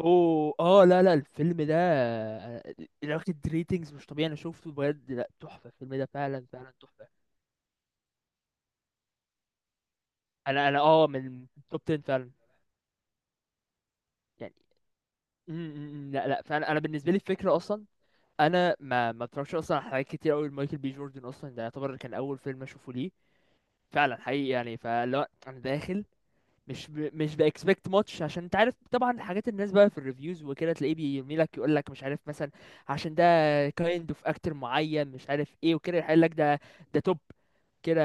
اوه اه لا لا الفيلم ده واخد ريتنجز مش طبيعي، انا شفته بجد. لا تحفه، الفيلم ده فعلا فعلا تحفه. انا من توب 10 فعلا. يعني م- م- م، لا لا فعلا، انا بالنسبه لي الفكره اصلا، انا ما اتفرجش اصلا على حاجات كتير قوي. مايكل بي جوردن اصلا ده يعتبر كان اول فيلم اشوفه ليه، فعلا حقيقي. يعني فلا انا داخل مش باكسبكت ماتش، عشان انت عارف طبعا حاجات الناس بقى في الريفيوز وكده، تلاقيه بيرمي لك يقول لك مش عارف مثلا عشان ده كايند اوف اكتر معين مش عارف ايه وكده، يقول لك ده ده توب كده.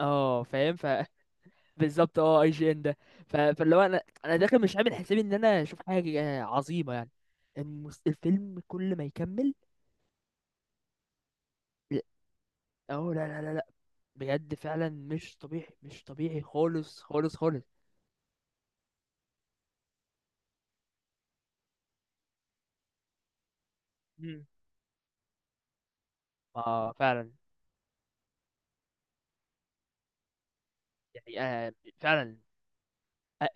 اه فاهم. بالظبط. اه، اي جي ان ده فاللي هو انا داخل مش عامل حسابي ان انا اشوف حاجه عظيمه يعني. الفيلم كل ما يكمل. لا- اه لا لا لا لا، بجد فعلا مش طبيعي مش طبيعي خالص خالص خالص. مم. اه فعلا. يعني آه فعلا.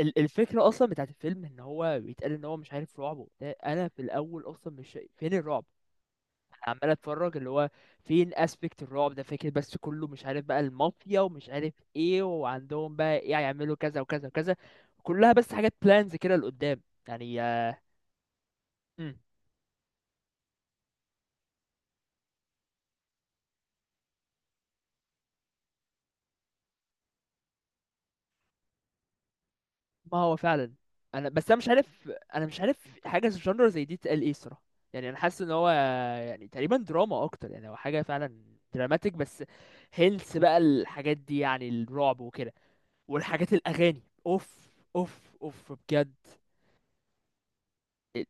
الفكرة أصلا بتاعت الفيلم إن هو بيتقال إن هو مش عارف رعب وبتاع. أنا في الأول أصلا مش شايف- فين الرعب؟ أنا عمال أتفرج اللي هو فين أسبكت الرعب ده، فاكر بس كله مش عارف بقى المافيا ومش عارف إيه، وعندهم بقى إيه هيعملوا كذا وكذا وكذا. كلها بس حاجات بلانز كده لقدام يعني مم. ما هو فعلا. أنا مش عارف. أنا مش عارف حاجة في الجنرا زي دي تقال إيه الصراحة. يعني أنا حاسس إن هو يعني تقريبا دراما أكتر، يعني هو حاجة فعلا دراماتيك بس. هيلث بقى الحاجات دي يعني الرعب وكده. والحاجات الاغاني اوف اوف اوف بجد. إيه،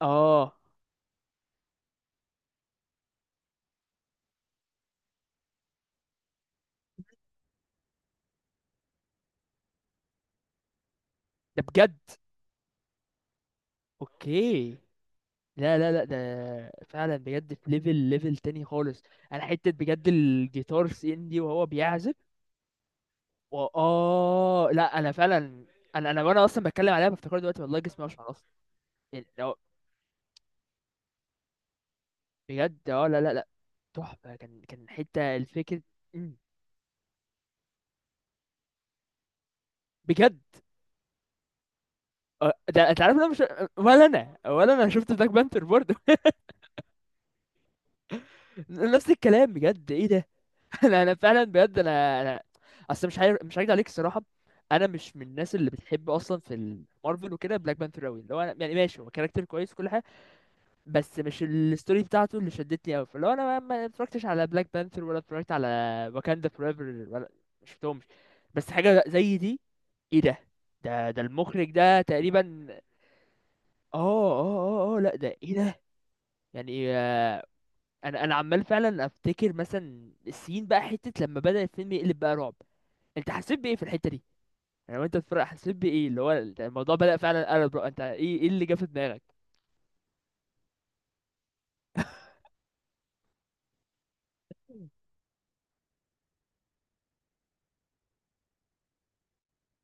اه ده بجد. اوكي. لا لا لا ده فعلا بجد في ليفل ليفل تاني خالص. انا حته بجد الجيتار سي ان دي وهو بيعزف. اه لا انا فعلا. انا وانا اصلا بتكلم عليها بفتكر دلوقتي والله جسمي اشعر اصلا، يعني بجد. اه لا لا لا تحفه، كان كان حته الفكر. مم. بجد ده انت عارف إن انا مش، ولا انا ولا انا شفت بلاك بانثر برضه. نفس الكلام بجد، ايه ده؟ انا فعلا بجد انا اصل مش عارف، مش هكدب عليك الصراحه. انا مش من الناس اللي بتحب اصلا في مارفل وكده بلاك بانثر قوي. اللي هو انا يعني ماشي هو كاركتر كويس وكل حاجه، بس مش الستوري بتاعته اللي شدتني قوي. فاللي هو انا ما اتفرجتش على بلاك بانثر ولا اتفرجت على واكاندا فورايفر ولا شفتهمش. بس حاجه زي دي، ايه ده؟ ده المخرج ده تقريبا. اه اه اه. اه لا ده ايه ده؟ يعني انا عمال فعلا افتكر مثلا السين بقى حته لما بدأ الفيلم يقلب بقى رعب. انت حسيت بايه في الحته دي؟ يعني وانت بتتفرج حسيت بايه اللي هو انت الموضوع بدأ فعلا قلب؟ انت ايه ايه اللي جه في دماغك؟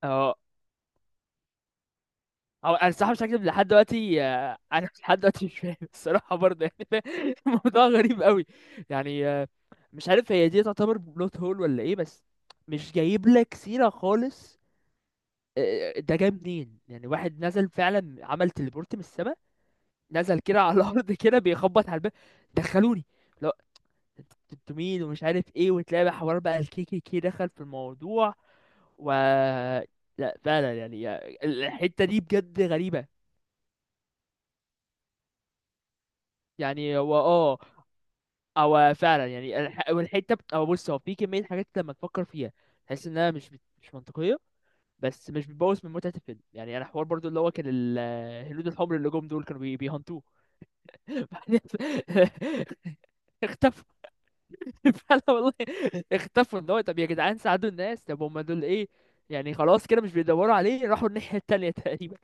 اه. هو انا الصراحه مش هكذب لحد دلوقتي، انا لحد دلوقتي مش فاهم الصراحه برضه. يعني الموضوع غريب قوي. يعني مش عارف هي دي تعتبر بلوت هول ولا ايه؟ بس مش جايب لك سيره خالص. ده جاي منين؟ يعني واحد نزل فعلا عمل تليبورت من السماء، نزل كده على الارض كده بيخبط على الباب. دخلوني، انتوا مين ومش عارف ايه، وتلاقي حوار بقى الكيكي كي كي دخل في الموضوع. و لا فعلا يعني الحته دي بجد غريبه. يعني هو اه، او فعلا يعني او بص، هو في كميه حاجات لما تفكر فيها تحس انها مش منطقيه، بس مش بتبوظ من متعه الفيلم. يعني انا حوار برضو اللي هو كان الهنود الحمر اللي جم دول كانوا بيهنتوه. بعدين اختفوا. فعلا والله اختفوا، ان هو طب يا جدعان ساعدوا الناس. طب هم دول ايه؟ يعني خلاص كده مش بيدوروا عليه، راحوا الناحية التانية تقريبا.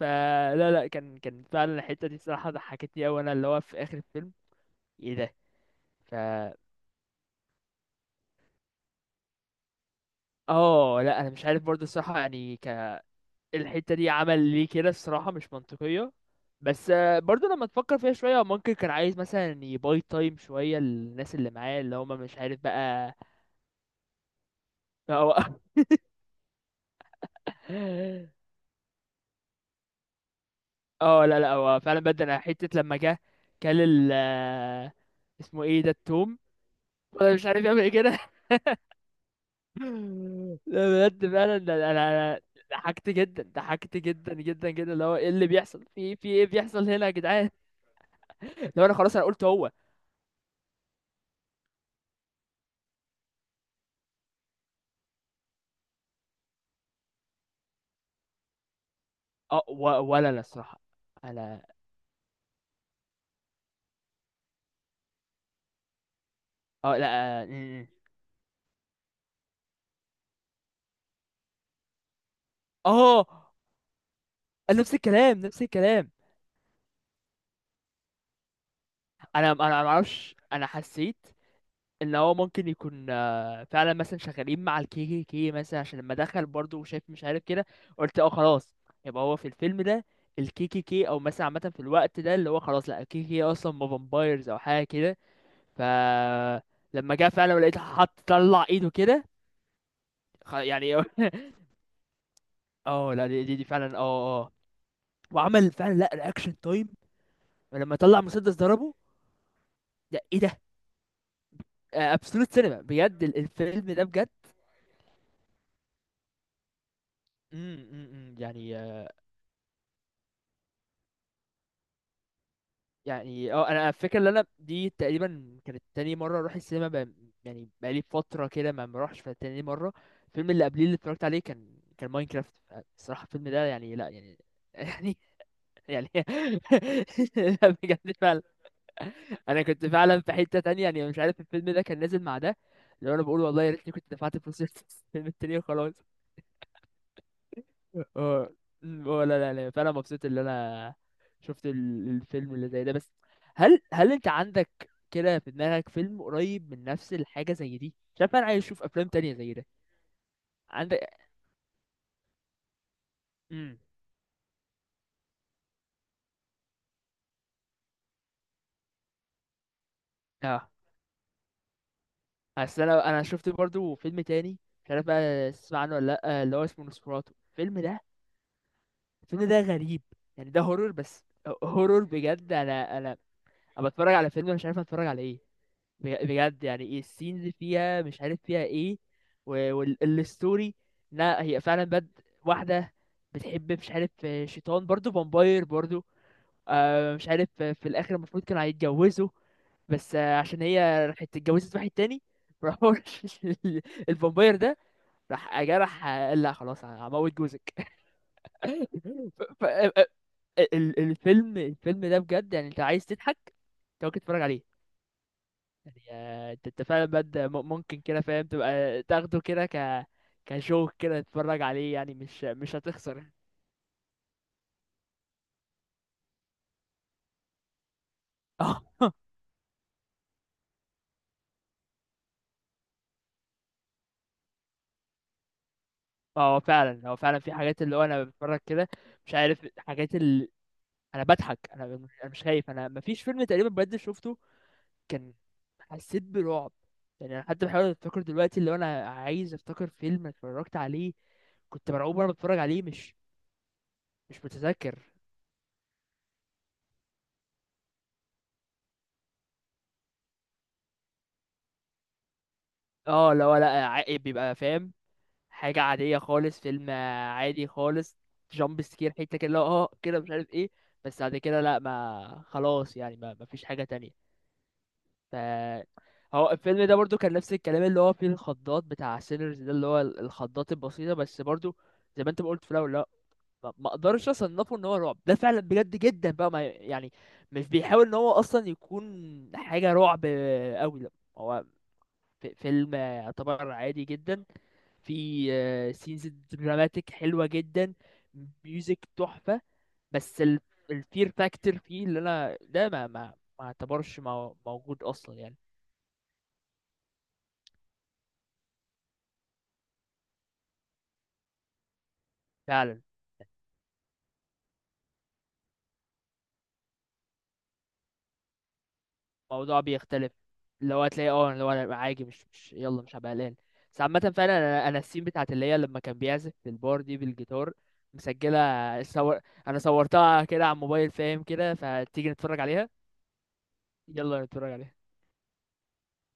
فلا لا، كان كان فعلا الحتة دي الصراحة ضحكتني أوي. أنا اللي هو في آخر الفيلم ايه ده؟ ف اه لا أنا مش عارف برضه الصراحة. يعني الحتة دي عمل ليه كده الصراحة؟ مش منطقية. بس برضه لما تفكر فيها شوية، هو ممكن كان عايز مثلا يباي تايم شوية للناس اللي معاه اللي هما مش عارف بقى. هو اه لا لا، هو فعلا بدأ حتة لما جه كل ال اسمه ايه ده؟ التوم انا مش عارف يعمل ايه كده. لا بجد فعلا ده انا. أنا ضحكت جدا، ضحكت جدا جدا جدا. اللي هو ايه اللي بيحصل في في ايه بيحصل هنا يا جدعان؟ لو انا خلاص. انا قلت هو اه، ولا لا الصراحة. انا اه لا اه اه نفس الكلام نفس الكلام. انا ما اعرفش. انا حسيت ان هو ممكن يكون فعلا مثلا شغالين مع الكي كي كي مثلا، عشان لما دخل برضه وشايف مش عارف كده، قلت اه خلاص يبقى هو في الفيلم ده الكي كي كي او مثلا عامه في الوقت ده اللي هو خلاص لا الكي كي كي اصلا ما فامبايرز او حاجه كده. ف لما جه فعلا ولقيت حط طلع ايده كده يعني اه لا دي فعلا. اه اه وعمل فعلا لا رياكشن تايم لما طلع مسدس ضربه. ده ايه ده؟ ابسولوت سينما بجد الفيلم ده بجد. إمم، إمم، يعني. يعني اه انا الفكره ان انا دي تقريبا كانت تاني مره اروح السينما، يعني بقالي فتره كده ما بروحش. فتاني مره الفيلم اللي قبليه اللي اتفرجت عليه كان كان ماينكرافت. الصراحه الفيلم ده يعني لا يعني يعني. يعني لا بجد فعلا. انا كنت فعلا في حته تانية، يعني مش عارف الفيلم ده كان نازل مع ده، لو انا بقول والله يا ريتني كنت دفعت فلوس الفيلم التاني وخلاص. اه لا لا لا، فانا مبسوط اللي انا شفت الفيلم اللي زي ده. بس هل انت عندك كده في دماغك فيلم قريب من نفس الحاجه زي دي؟ شايف انا عايز اشوف افلام تانية زي ده. عندك؟ امم اه. اصل انا شفت برضو فيلم تاني، مش عارف بقى تسمع عنه ولا لا، اللي هو اسمه نوسفراتو الفيلم ده. الفيلم ده غريب، يعني ده هورور بس. هورور بجد. انا انا انا بتفرج على فيلم أنا مش عارف اتفرج على ايه. بجد يعني ايه السينز فيها مش عارف فيها ايه. والستوري لا هي فعلا بد. واحدة بتحب مش عارف شيطان برضو، فامباير برضو. آه مش عارف في الاخر المفروض كانوا هيتجوزوا بس عشان هي راحت اتجوزت واحد تاني، راح هو الفامباير ده راح جرح، قال لا خلاص هموت جوزك. ف... ف... الفيلم الفيلم ده بجد، يعني انت عايز تضحك انت ممكن تتفرج عليه. يعني انت انت فعلا بجد ممكن كده فاهم تبقى تاخده كده كجوك كده تتفرج عليه. يعني مش مش هتخسر. اه هو فعلا هو فعلا في حاجات اللي هو انا بتفرج كده مش عارف، حاجات اللي انا بضحك. انا انا مش خايف. انا مفيش فيلم تقريبا بجد شفته كان حسيت برعب. يعني انا حتى بحاول افتكر دلوقتي اللي هو انا عايز افتكر فيلم اتفرجت عليه كنت مرعوب وانا بتفرج عليه. مش مش متذكر. اه لا لا، بيبقى فاهم حاجة عادية خالص، فيلم عادي خالص. جامب سكير حتة كده اللي هو اه كده مش عارف ايه، بس بعد كده لا، ما خلاص يعني ما فيش حاجة تانية. ف هو الفيلم ده برضو كان نفس الكلام، اللي هو فيه الخضات بتاع سينرز ده، اللي هو الخضات البسيطة بس. برضو زي ما انت ما قلت في الاول، لا ما اقدرش اصنفه ان هو رعب. ده فعلا بجد جدا بقى، ما يعني مش بيحاول ان هو اصلا يكون حاجة رعب قوي. لا هو فيلم يعتبر عادي جدا، في سينز دراماتيك حلوة جدا، ميوزك تحفة، بس الفير فاكتور فيه اللي انا ده ما اعتبرش موجود اصلا يعني. فعلا الموضوع بيختلف. لو هتلاقي اه لو انا عادي مش مش يلا مش هبقى قلقان. بس عامة فعلا انا السين بتاعت اللي هي لما كان بيعزف في البار دي بالجيتار مسجلة. صور، انا صورتها كده على الموبايل فاهم كده، فتيجي نتفرج عليها؟ يلا نتفرج عليها.